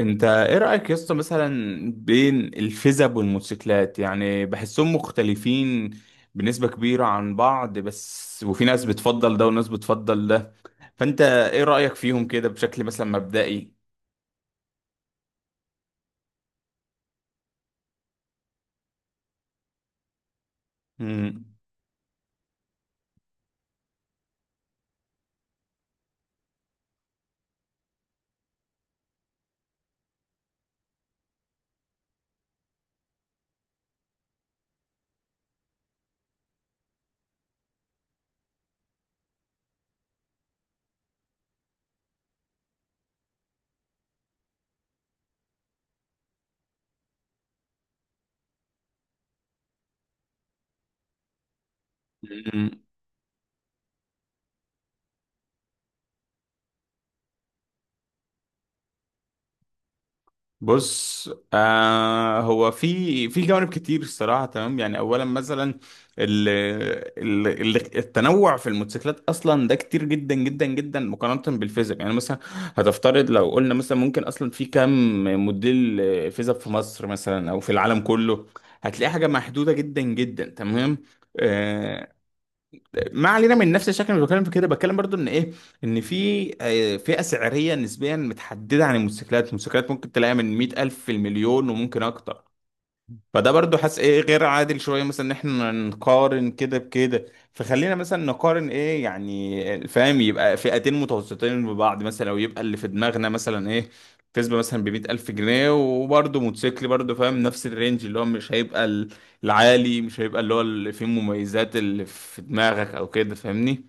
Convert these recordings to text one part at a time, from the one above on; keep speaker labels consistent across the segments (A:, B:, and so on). A: انت ايه رأيك يا اسطى مثلا بين الفيزب والموتوسيكلات؟ يعني بحسهم مختلفين بنسبة كبيرة عن بعض، بس وفي ناس بتفضل ده وناس بتفضل ده. فانت ايه رأيك فيهم كده بشكل مثلا مبدئي؟ مم. بص، هو في جوانب كتير الصراحه، تمام؟ يعني اولا مثلا ال ال ال التنوع في الموتوسيكلات اصلا ده كتير جدا جدا جدا مقارنه بالفيزيك. يعني مثلا هتفترض لو قلنا مثلا ممكن اصلا في كام موديل فيزيك في مصر مثلا او في العالم كله؟ هتلاقي حاجه محدوده جدا جدا. تمام؟ آه، ما علينا من نفس الشكل، اللي بتكلم في كده بتكلم برضو ان ايه، ان في فئه سعريه نسبيا متحدده. عن الموتوسيكلات، الموتوسيكلات ممكن تلاقيها من 100,000 في المليون، وممكن اكتر. فده برضو حاسس ايه، إيه، غير عادل شويه مثلا ان احنا نقارن كده بكده. فخلينا مثلا نقارن ايه، يعني فاهم، يبقى فئتين متوسطين ببعض مثلا، او يبقى اللي في دماغنا مثلا ايه، كسبه مثلا بمية ألف جنيه وبرضه موتوسيكل برضه، فاهم؟ نفس الرينج اللي هو مش هيبقى العالي، مش هيبقى اللي هو اللي فيه مميزات اللي في دماغك أو كده، فاهمني؟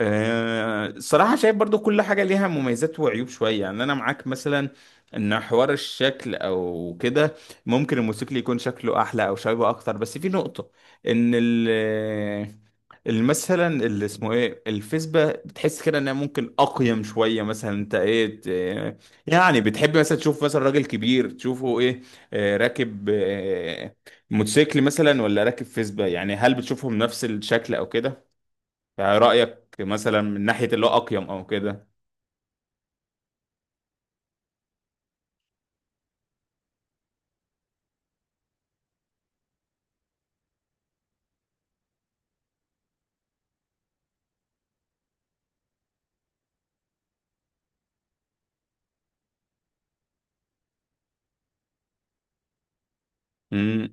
A: الصراحة شايف برضو كل حاجة ليها مميزات وعيوب شوية. يعني أنا معاك مثلا إن حوار الشكل أو كده ممكن الموسيقى يكون شكله أحلى أو شبابي أكتر، بس في نقطة إن مثلا اللي اسمه إيه الفيسبا بتحس كده إنها ممكن أقيم شوية. مثلا أنت يعني بتحب مثلا تشوف مثلا راجل كبير تشوفه إيه، راكب موتوسيكل مثلا ولا راكب فيسبا؟ يعني هل بتشوفهم نفس الشكل أو كده؟ يعني رأيك مثلا من ناحية اللي هو أقيم أو كده؟ امم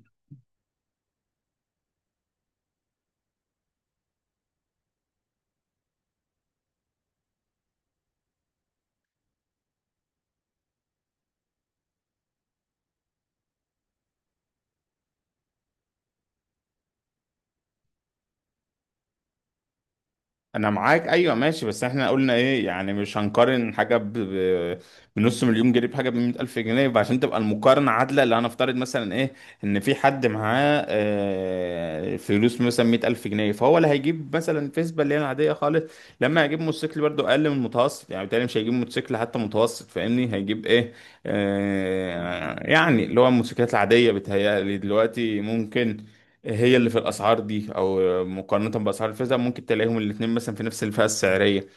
A: أنا معاك أيوه ماشي. بس إحنا قلنا إيه، يعني مش هنقارن حاجة بنص مليون جنيه بحاجة بمية ألف جنيه، عشان تبقى المقارنة عادلة. اللي هنفترض مثلا إيه إن في حد معاه فلوس مثلا مية ألف جنيه، فهو اللي هيجيب مثلا فيسبا اللي هي العادية خالص. لما هيجيب موتوسيكل برضه أقل من المتوسط، يعني بالتالي مش هيجيب موتوسيكل حتى متوسط، فاهمني؟ هيجيب إيه، يعني اللي هو الموتوسيكلات العادية بتهيألي دلوقتي ممكن هي اللي في الاسعار دي، او مقارنه باسعار الفئه ممكن تلاقيهم الاثنين مثلا في نفس الفئه السعريه.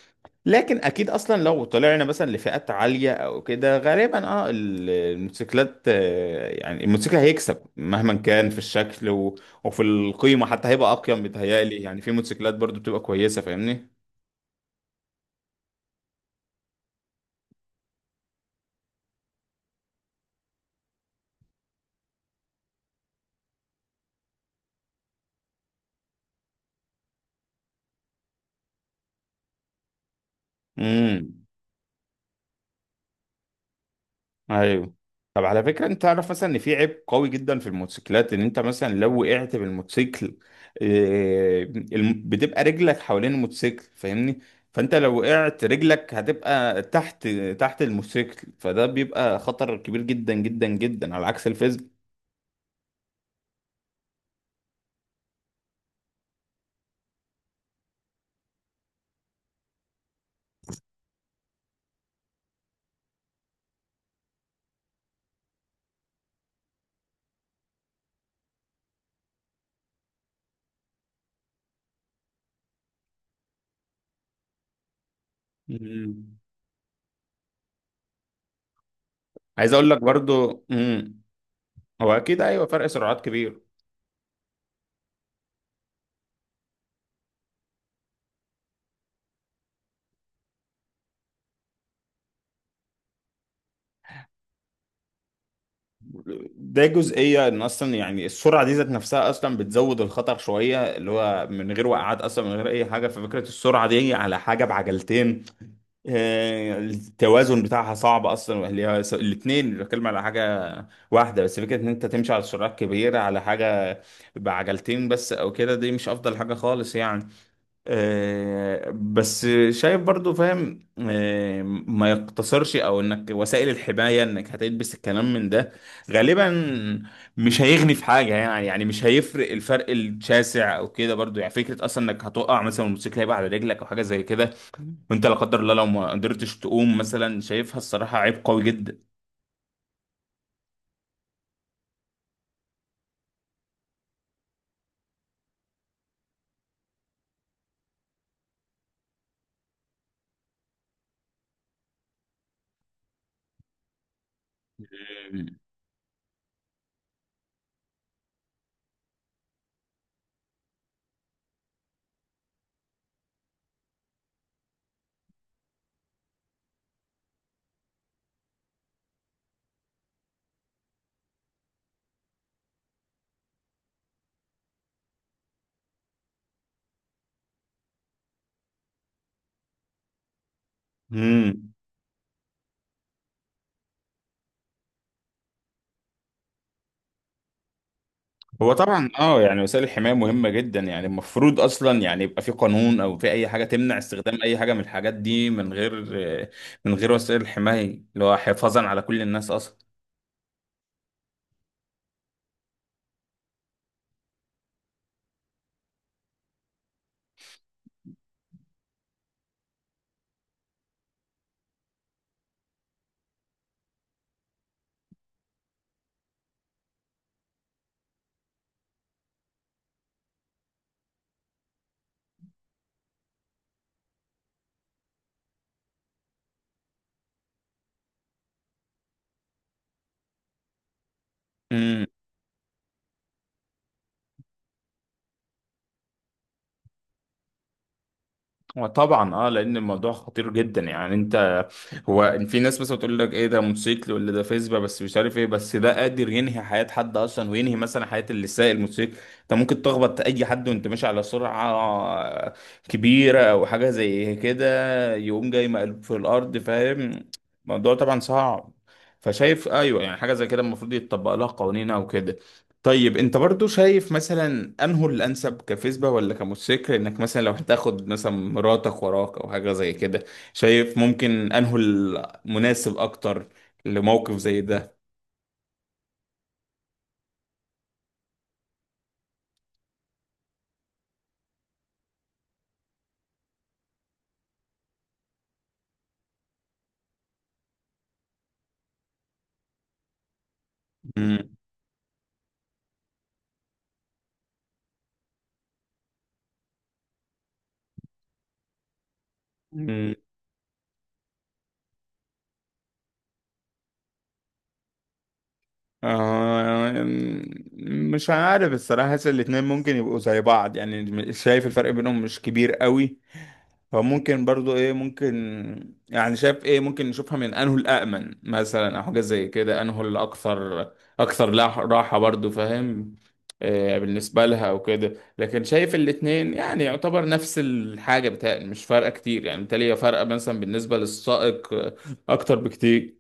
A: لكن اكيد اصلا لو طلعنا مثلا لفئات عاليه او كده غالبا الموتوسيكلات، يعني الموتوسيكل هيكسب مهما كان في الشكل وفي القيمه حتى، هيبقى اقيم بيتهيألي. يعني في موتوسيكلات برضو بتبقى كويسه فاهمني. امم ايوه. طب على فكره، انت تعرف مثلا ان في عيب قوي جدا في الموتوسيكلات، ان انت مثلا لو وقعت بالموتوسيكل، بتبقى رجلك حوالين الموتوسيكل فاهمني. فانت لو وقعت رجلك هتبقى تحت، تحت الموتوسيكل. فده بيبقى خطر كبير جدا جدا جدا على عكس الفيزيك. مم. عايز اقول لك برضو، هو اكيد ايوه فرق سرعات كبير. ده جزئية ان اصلا يعني السرعة دي ذات نفسها اصلا بتزود الخطر شوية، اللي هو من غير وقعات اصلا، من غير اي حاجة. ففكرة السرعة دي على حاجة بعجلتين، التوازن بتاعها صعب اصلا. الاتنين بتكلم على حاجة واحدة، بس فكرة ان انت تمشي على سرعات كبيرة على حاجة بعجلتين بس او كده، دي مش افضل حاجة خالص يعني. بس شايف برضو فاهم، ما يقتصرش، او انك وسائل الحماية انك هتلبس الكلام من ده غالبا مش هيغني في حاجة يعني، يعني مش هيفرق الفرق الشاسع او كده برضو. يعني فكرة اصلا انك هتقع مثلا والموتوسيكل هيبقى على رجلك او حاجة زي كده، وانت لا قدر الله لو ما قدرتش تقوم مثلا، شايفها الصراحة عيب قوي جدا. مم. هو طبعا يعني وسائل الحماية مهمة جدا. يعني المفروض اصلا، يعني يبقى في قانون او في اي حاجة تمنع استخدام اي حاجة من الحاجات دي من غير وسائل الحماية، اللي هو حفاظا على كل الناس اصلا. وطبعا لان الموضوع خطير جدا. يعني انت، هو في ناس مثلا بتقول لك ايه ده موتوسيكل ولا ده فيسبا بس، مش عارف ايه، بس ده قادر ينهي حياة حد اصلا، وينهي مثلا حياة اللي سايق الموتوسيكل. انت ممكن تخبط اي حد وانت ماشي على سرعة كبيرة او حاجة زي كده، يقوم جاي مقلوب في الارض فاهم. الموضوع طبعا صعب. فشايف ايوه، يعني حاجة زي كده المفروض يتطبق لها قوانين او كده. طيب انت برضو شايف مثلا انه الانسب كفيسبا ولا كموتوسيكل انك مثلا لو هتاخد مثلا مراتك وراك او حاجه زي كده؟ شايف ممكن انه المناسب اكتر لموقف زي ده؟ مم. مم. مم. آه مش عارف الصراحه. حاسس الاتنين ممكن يبقوا زي بعض يعني. شايف الفرق بينهم مش كبير قوي. فممكن برضو ايه ممكن، يعني شايف ايه ممكن نشوفها من انه الامن مثلا او حاجه زي كده، انه الاكثر، اكثر راحه برضو فاهم، بالنسبه لها او كده. لكن شايف الاتنين يعني يعتبر نفس الحاجه بتاعي، مش فارقه كتير يعني. بالتالي هي فارقه مثلا بالنسبه للسائق اكتر بكتير.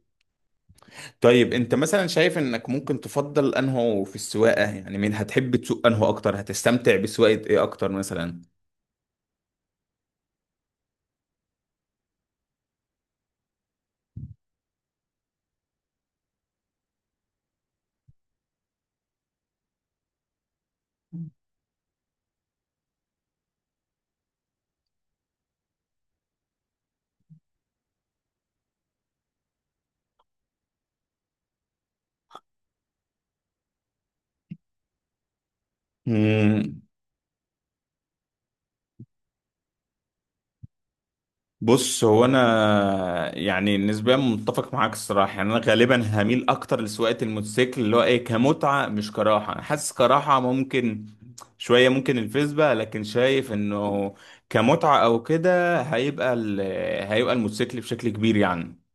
A: طيب انت مثلا شايف انك ممكن تفضل انه في السواقه، يعني مين هتحب تسوق انه اكتر، هتستمتع بسواقه ايه اكتر مثلا؟ مم. بص، هو انا يعني نسبيا متفق معاك الصراحه. يعني انا غالبا هميل اكتر لسواقه الموتوسيكل اللي هو ايه كمتعه مش كراحه. انا حاسس كراحه ممكن شويه ممكن الفيسبا، لكن شايف انه كمتعه او كده هيبقى هيبقى الموتوسيكل بشكل كبير يعني.